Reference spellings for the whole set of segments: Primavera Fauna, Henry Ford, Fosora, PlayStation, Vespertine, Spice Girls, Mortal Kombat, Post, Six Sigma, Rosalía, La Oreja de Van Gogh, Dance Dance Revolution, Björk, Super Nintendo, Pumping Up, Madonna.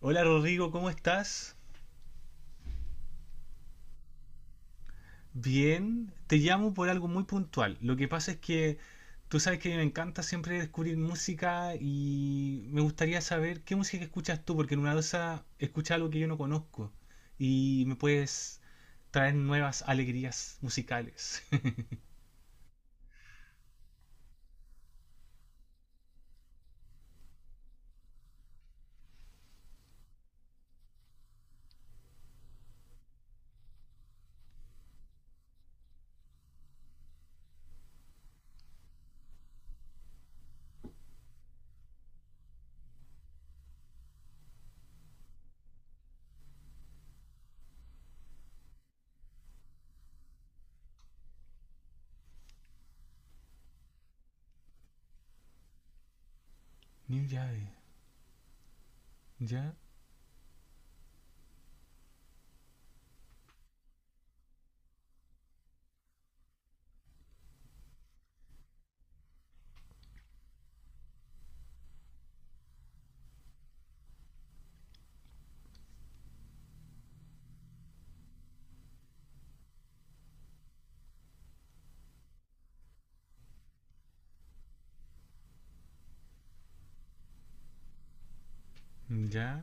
Hola Rodrigo, ¿cómo estás? Bien, te llamo por algo muy puntual. Lo que pasa es que tú sabes que a mí me encanta siempre descubrir música y me gustaría saber qué música escuchas tú, porque en una dosa escucha algo que yo no conozco y me puedes traer nuevas alegrías musicales. New Jave, ya, ya,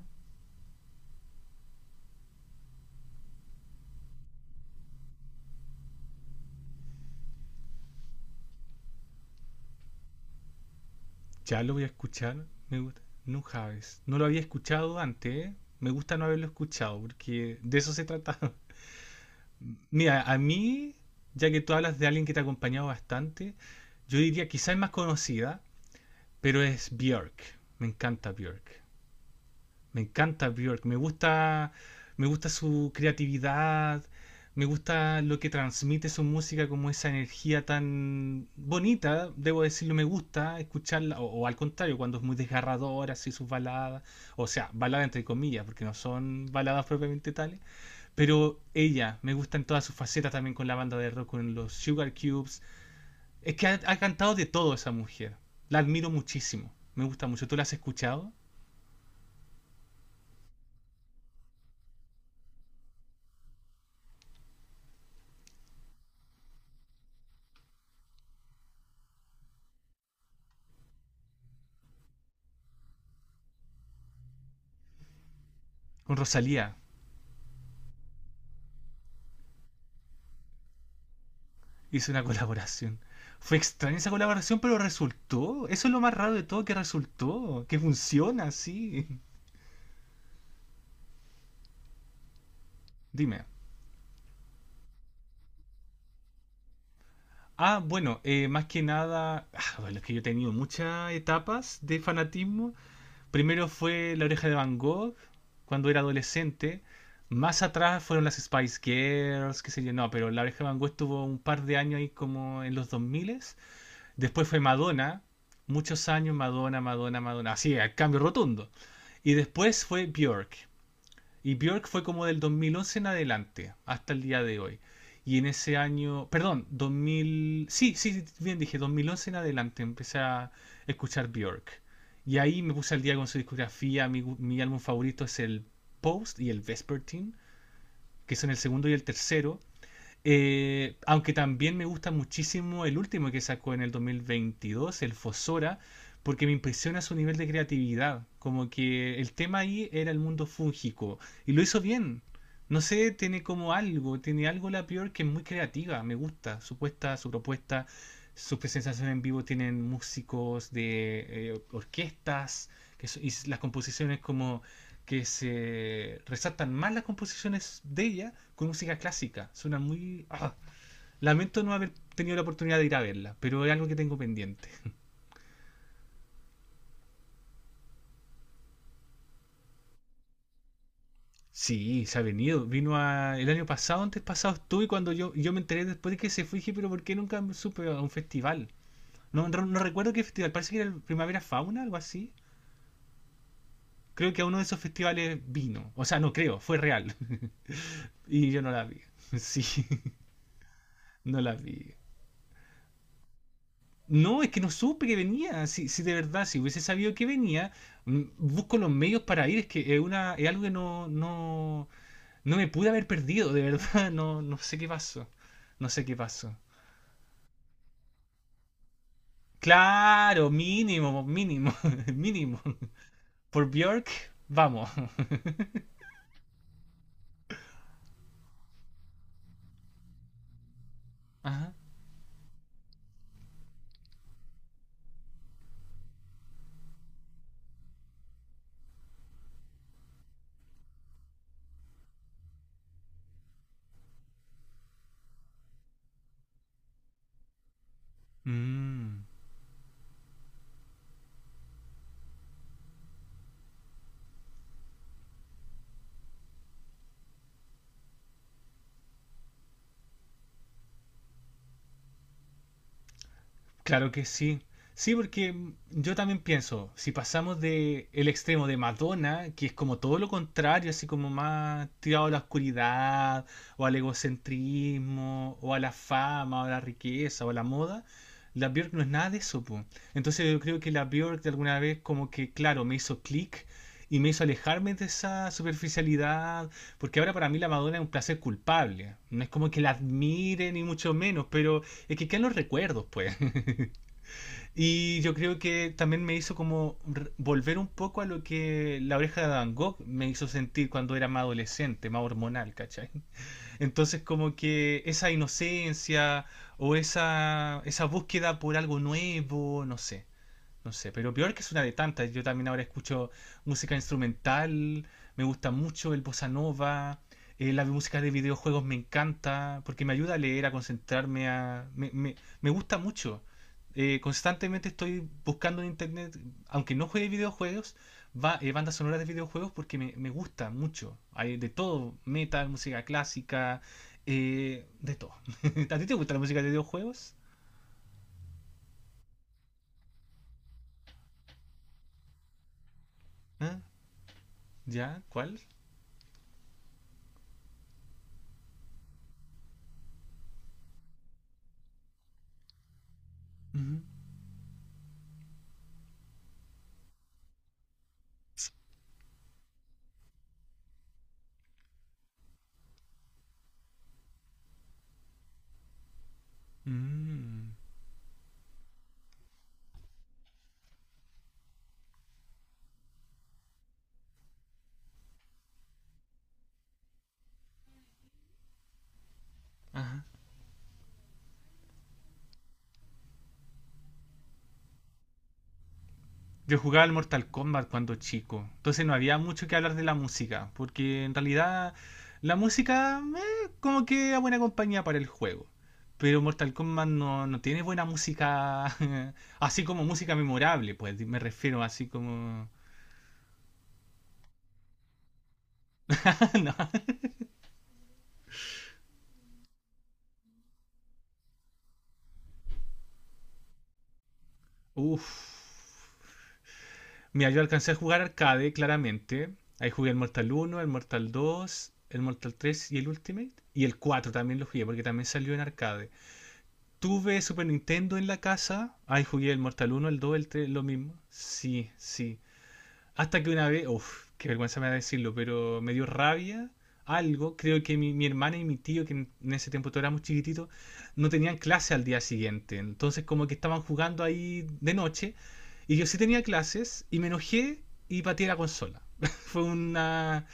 ya lo voy a escuchar. Me gusta. No Javes, no lo había escuchado antes, ¿eh? Me gusta no haberlo escuchado, porque de eso se trata. Mira, a mí, ya que tú hablas de alguien que te ha acompañado bastante, yo diría quizás es más conocida, pero es Björk. Me encanta Björk. Me encanta Björk. Me gusta su creatividad. Me gusta lo que transmite su música, como esa energía tan bonita, debo decirlo, me gusta escucharla, o al contrario, cuando es muy desgarradora, así sus baladas, o sea, baladas entre comillas, porque no son baladas propiamente tales, pero ella, me gusta en todas sus facetas también con la banda de rock, con los Sugar Cubes. Es que ha cantado de todo esa mujer. La admiro muchísimo. Me gusta mucho. ¿Tú la has escuchado? Con Rosalía hizo una colaboración. Fue extraña esa colaboración, pero resultó. Eso es lo más raro de todo, que resultó. Que funciona, sí. Dime. Ah, bueno, más que nada, ah, bueno, es que yo he tenido muchas etapas de fanatismo. Primero fue La Oreja de Van Gogh, cuando era adolescente. Más atrás fueron las Spice Girls, qué sé yo, no, pero La Oreja de Van Gogh estuvo un par de años ahí como en los 2000. Después fue Madonna, muchos años Madonna, Madonna, Madonna, así, al cambio rotundo. Y después fue Björk. Y Björk fue como del 2011 en adelante, hasta el día de hoy. Y en ese año, perdón, 2000, sí, sí, sí, bien dije, 2011 en adelante empecé a escuchar Björk. Y ahí me puse al día con su discografía. Mi álbum favorito es el Post y el Vespertine, que son el segundo y el tercero. Aunque también me gusta muchísimo el último que sacó en el 2022, el Fosora, porque me impresiona su nivel de creatividad. Como que el tema ahí era el mundo fúngico y lo hizo bien. No sé, tiene como algo, tiene algo la peor que es muy creativa, me gusta su puesta, su propuesta, sus presentaciones en vivo tienen músicos de orquestas que so- y las composiciones como que se resaltan más las composiciones de ella con música clásica. Suena muy... ah, lamento no haber tenido la oportunidad de ir a verla, pero es algo que tengo pendiente. Sí, se ha venido. Vino a- el año pasado, antes pasado estuve cuando yo me enteré después de que se fue y dije, pero ¿por qué nunca supe a un festival? No recuerdo qué festival, parece que era el Primavera Fauna, algo así. Creo que a uno de esos festivales vino. O sea, no creo, fue real. Y yo no la vi. Sí, no la vi. No, es que no supe que venía. Si, si de verdad, si hubiese sabido que venía, busco los medios para ir. Es que es, una, es algo que no me pude haber perdido, de verdad. No, no sé qué pasó. No sé qué pasó. Claro, mínimo. Por Björk, vamos. Ajá. Mm. Claro que sí. Sí, porque yo también pienso, si pasamos de el extremo de Madonna, que es como todo lo contrario, así como más tirado a la oscuridad, o al egocentrismo, o a la fama, o a la riqueza, o a la moda, la Björk no es nada de eso, po. Entonces yo creo que la Björk de alguna vez como que, claro, me hizo clic y me hizo alejarme de esa superficialidad, porque ahora para mí la Madonna es un placer culpable. No es como que la admire ni mucho menos, pero es que quedan los recuerdos, pues. Y yo creo que también me hizo como re- volver un poco a lo que la oreja de Van Gogh me hizo sentir cuando era más adolescente, más hormonal, ¿cachai? Entonces como que esa inocencia o esa búsqueda por algo nuevo, no sé. No sé, pero peor que es una de tantas. Yo también ahora escucho música instrumental, me gusta mucho el bossa nova, la música de videojuegos me encanta, porque me ayuda a leer, a concentrarme, a... me gusta mucho. Constantemente estoy buscando en internet, aunque no juegue videojuegos, bandas sonoras de videojuegos porque me gusta mucho. Hay de todo, metal, música clásica, de todo. ¿A ti te gusta la música de videojuegos? ¿Ah? ¿Ya? ¿Cuál? Ujú. Mm. Ajá. Yo jugaba al Mortal Kombat cuando chico, entonces no había mucho que hablar de la música, porque en realidad la música como que era buena compañía para el juego. Pero Mortal Kombat no tiene buena música, así como música memorable, pues me refiero así como... no. Uf. Mira, yo alcancé a jugar arcade, claramente. Ahí jugué el Mortal 1, el Mortal 2, el Mortal 3 y el Ultimate. Y el 4 también lo jugué porque también salió en arcade. Tuve Super Nintendo en la casa. Ahí jugué el Mortal 1, el 2, el 3, lo mismo. Sí, sí. Hasta que una vez, uff, qué vergüenza me da decirlo, pero me dio rabia algo. Creo que mi hermana y mi tío, que en ese tiempo todos éramos chiquititos, no tenían clase al día siguiente. Entonces como que estaban jugando ahí de noche. Y yo sí tenía clases y me enojé y pateé la consola. fue una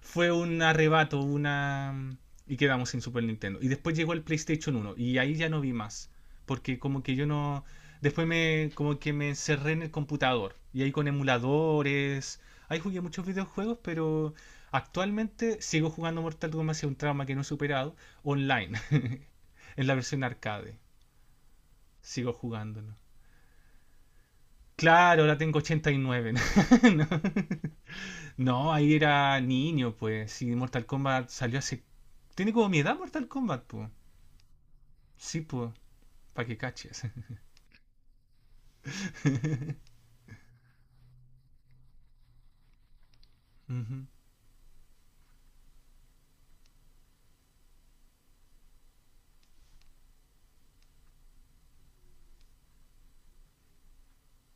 fue un arrebato, una y quedamos sin Super Nintendo. Y después llegó el PlayStation uno y ahí ya no vi más, porque como que yo no. Después me como que me encerré en el computador y ahí con emuladores. Ahí jugué muchos videojuegos, pero actualmente sigo jugando Mortal Kombat hacia un trauma que no he superado online, en la versión arcade. Sigo jugándolo. Claro, ahora tengo 89. No, no, ahí era niño, pues. Si Mortal Kombat salió hace. Tiene como mi edad Mortal Kombat, pues. Sí, pues, para que caches. Ujú.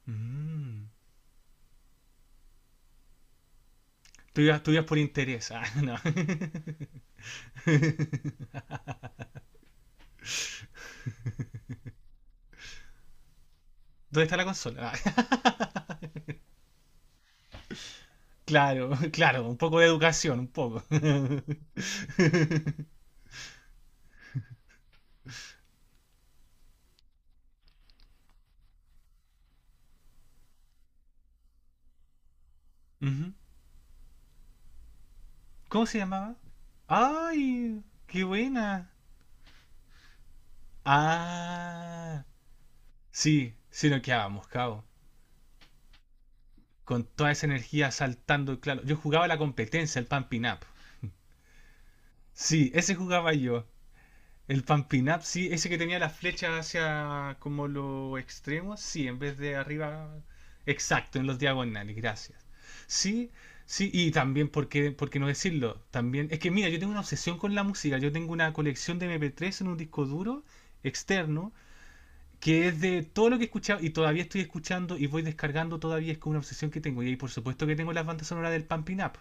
Mm. Tú ibas por interés. Ah, no. ¿Dónde está la consola? Ah. Claro, claro, un poco de educación, un poco. Ujú. ¿Cómo se llamaba? ¡Ay! ¡Qué buena! Ah, sí, sí nos quedábamos, cabo. Con toda esa energía saltando, claro. Yo jugaba la competencia, el Pumping Up. Sí, ese jugaba yo. El pumping up, sí, ese que tenía las flechas hacia como los extremos, sí, en vez de arriba, exacto, en los diagonales, gracias. Sí, sí, y también, por qué no decirlo? También, es que mira, yo tengo una obsesión con la música, yo tengo una colección de MP3 en un disco duro externo, que es de todo lo que he escuchado y todavía estoy escuchando y voy descargando todavía, es como una obsesión que tengo. Y ahí por supuesto que tengo las bandas sonoras del Pumping Up.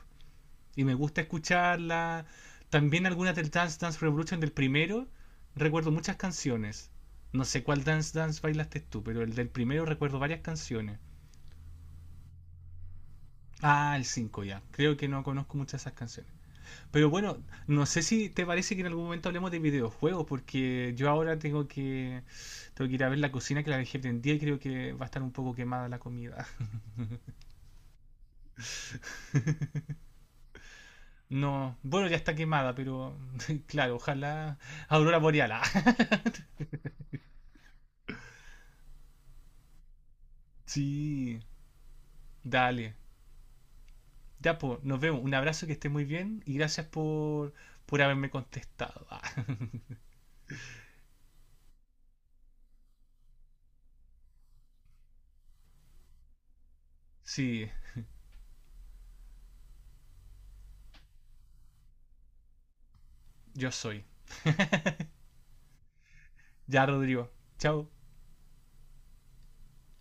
Y me gusta escucharla. También algunas del Dance Dance Revolution del primero. Recuerdo muchas canciones. No sé cuál Dance Dance bailaste tú, pero el del primero recuerdo varias canciones. Ah, el 5 ya. Creo que no conozco muchas de esas canciones. Pero bueno, no sé si te parece que en algún momento hablemos de videojuegos, porque yo ahora tengo que ir a ver la cocina que la dejé prendida y creo que va a estar un poco quemada la comida. No, bueno, ya está quemada, pero claro, ojalá Aurora Boreal. Sí, dale. Ya, pues, nos vemos. Un abrazo, que esté muy bien y gracias por haberme contestado. Ah, sí, yo soy. Ya, Rodrigo. Chao.